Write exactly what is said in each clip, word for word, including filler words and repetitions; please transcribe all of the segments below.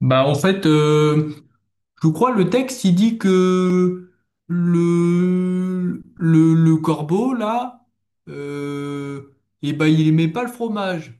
Bah en fait, euh, je crois le texte il dit que le le, le corbeau là, euh, eh ben il aimait pas le fromage.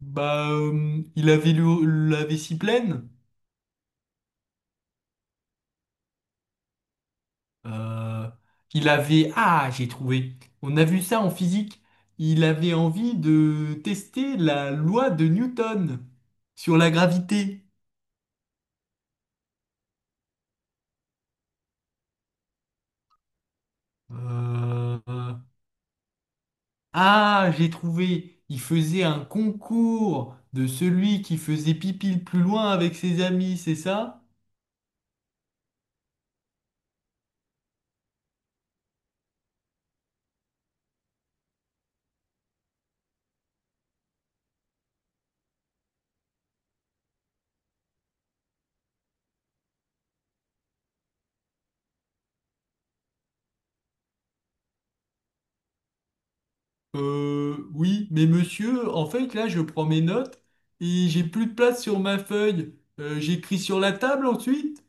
Bah euh, il avait le- la vessie pleine. Euh, il avait ah j'ai trouvé. On a vu ça en physique. Il avait envie de tester la loi de Newton sur la gravité. Euh, Ah, j'ai trouvé. Il faisait un concours de celui qui faisait pipi le plus loin avec ses amis, c'est ça? Euh, oui, mais monsieur, en fait, là, je prends mes notes et j'ai plus de place sur ma feuille. Euh, j'écris sur la table ensuite.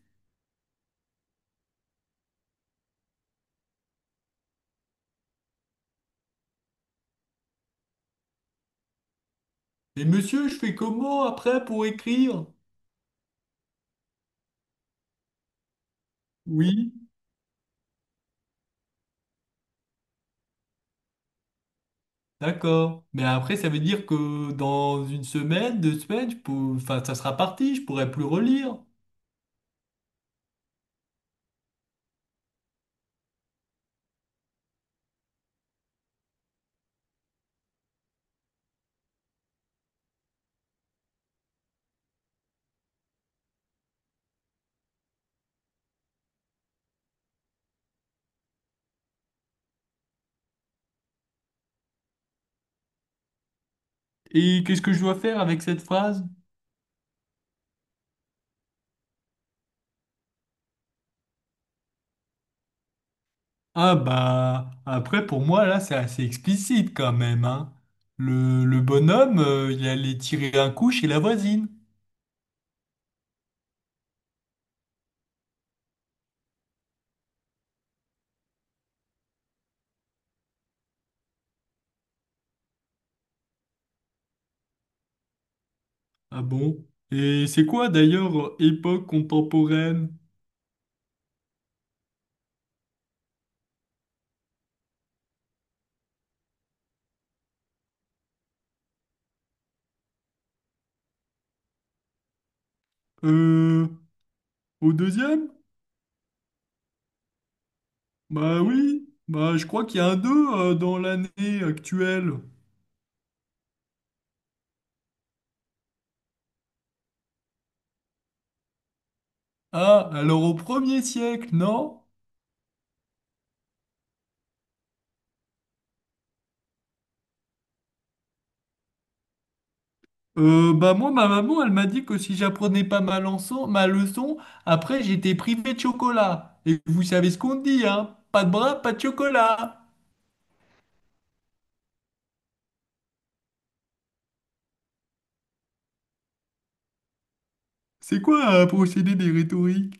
Mais monsieur, je fais comment après pour écrire? Oui, d'accord. Mais après, ça veut dire que dans une semaine, deux semaines, je peux- enfin, ça sera parti, je pourrai plus relire. Et qu'est-ce que je dois faire avec cette phrase? Ah bah après pour moi là c'est assez explicite quand même hein. Le, le bonhomme euh, il allait tirer un coup chez la voisine. Ah bon? Et c'est quoi d'ailleurs euh, époque contemporaine? Euh Au deuxième? Bah oui, bah je crois qu'il y a un deux euh, dans l'année actuelle. Ah alors au premier siècle, non? Euh, bah moi, ma maman, elle m'a dit que si j'apprenais pas ma leçon, ma leçon, après j'étais privé de chocolat. Et vous savez ce qu'on dit, hein? Pas de bras, pas de chocolat. C'est quoi un procédé des rhétoriques?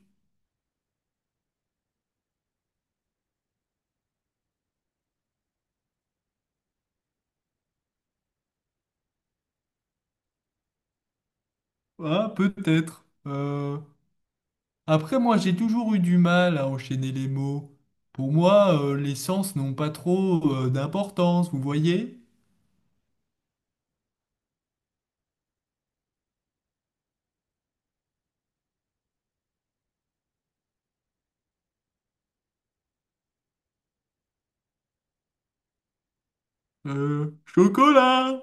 Ah, peut-être. Euh, Après, moi, j'ai toujours eu du mal à enchaîner les mots. Pour moi, euh, les sens n'ont pas trop euh, d'importance, vous voyez? Euh, chocolat!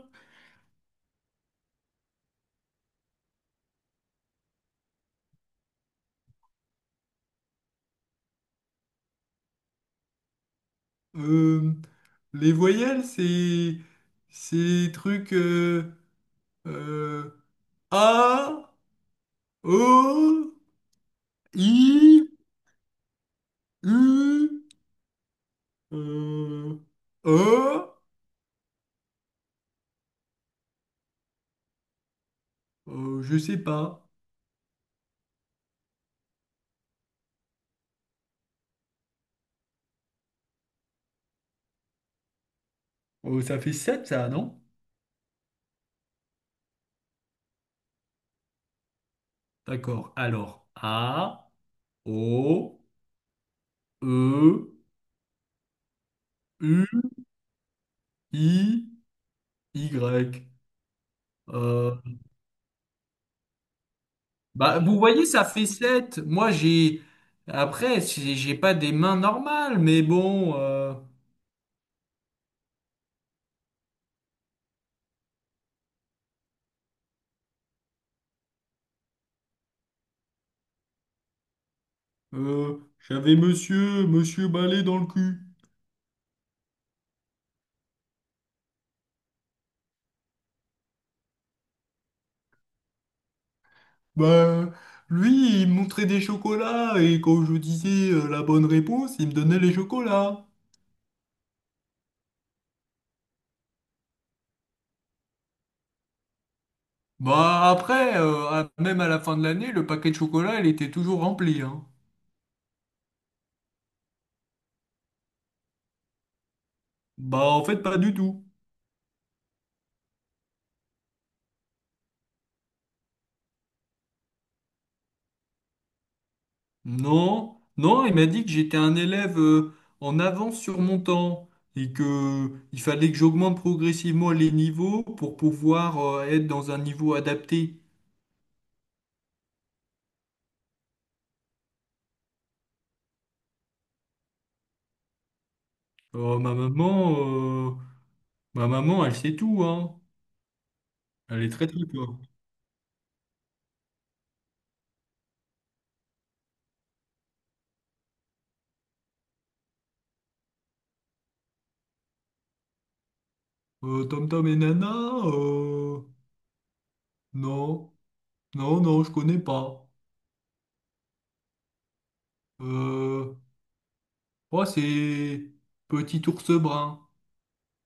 Euh, les voyelles, c'est... C'est truc... euh, euh, A, O, I, U, euh, E, euh, je sais pas. Oh, ça fait sept ça, non? D'accord. Alors, A, O, E, U, I, Y. Euh, Bah, vous voyez, ça fait sept. Moi, j'ai. Après, j'ai j'ai pas des mains normales, mais bon. euh, euh, J'avais monsieur, monsieur Balai dans le cul. Bah, lui, il me montrait des chocolats et quand je disais euh, la bonne réponse, il me donnait les chocolats. Bah, après, euh, à- même à la fin de l'année, le paquet de chocolat, il était toujours rempli, hein. Bah, en fait, pas du tout. Non, non, il m'a dit que j'étais un élève euh, en avance sur mon temps et que euh, il fallait que j'augmente progressivement les niveaux pour pouvoir euh, être dans un niveau adapté. Euh, ma maman, euh, Ma maman, elle sait tout, hein. Elle est très très forte. Euh, Tom Tom et Nana, euh, non, non, non, je connais pas. Euh, Moi, c'est Petit Ours Brun.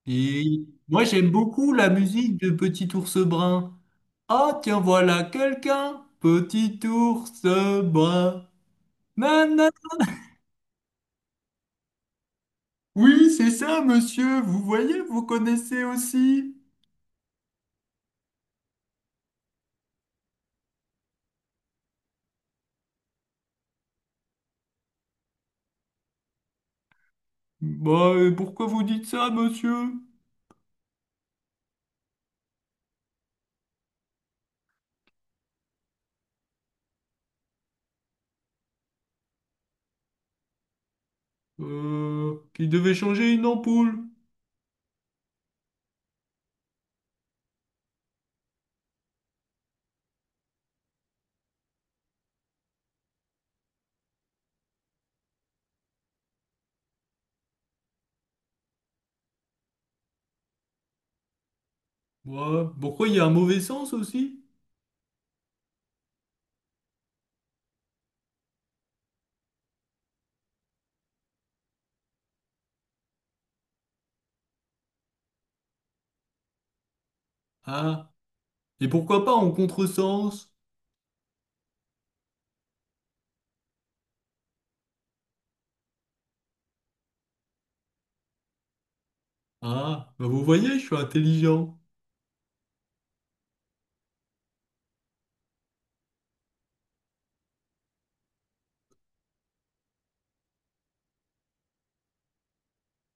Et moi, j'aime beaucoup la musique de Petit Ours Brun. Ah, tiens, voilà quelqu'un. Petit Ours Brun. Nana. Oui, c'est ça, monsieur. Vous voyez, vous connaissez aussi. Bah, et pourquoi vous dites ça, monsieur? Euh, qui devait changer une ampoule. Ouais. Pourquoi il y a un mauvais sens aussi? Ah, et pourquoi pas en contresens? Ah, bah vous voyez, je suis intelligent.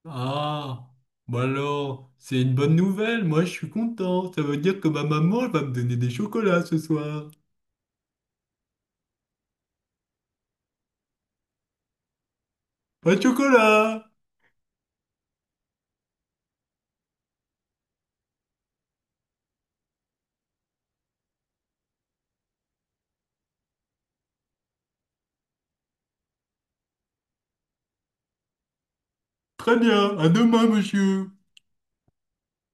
Ah, bah alors, c'est une bonne nouvelle, moi je suis content. Ça veut dire que ma maman elle va me donner des chocolats ce soir. Pas de chocolat! Très bien, à demain, monsieur.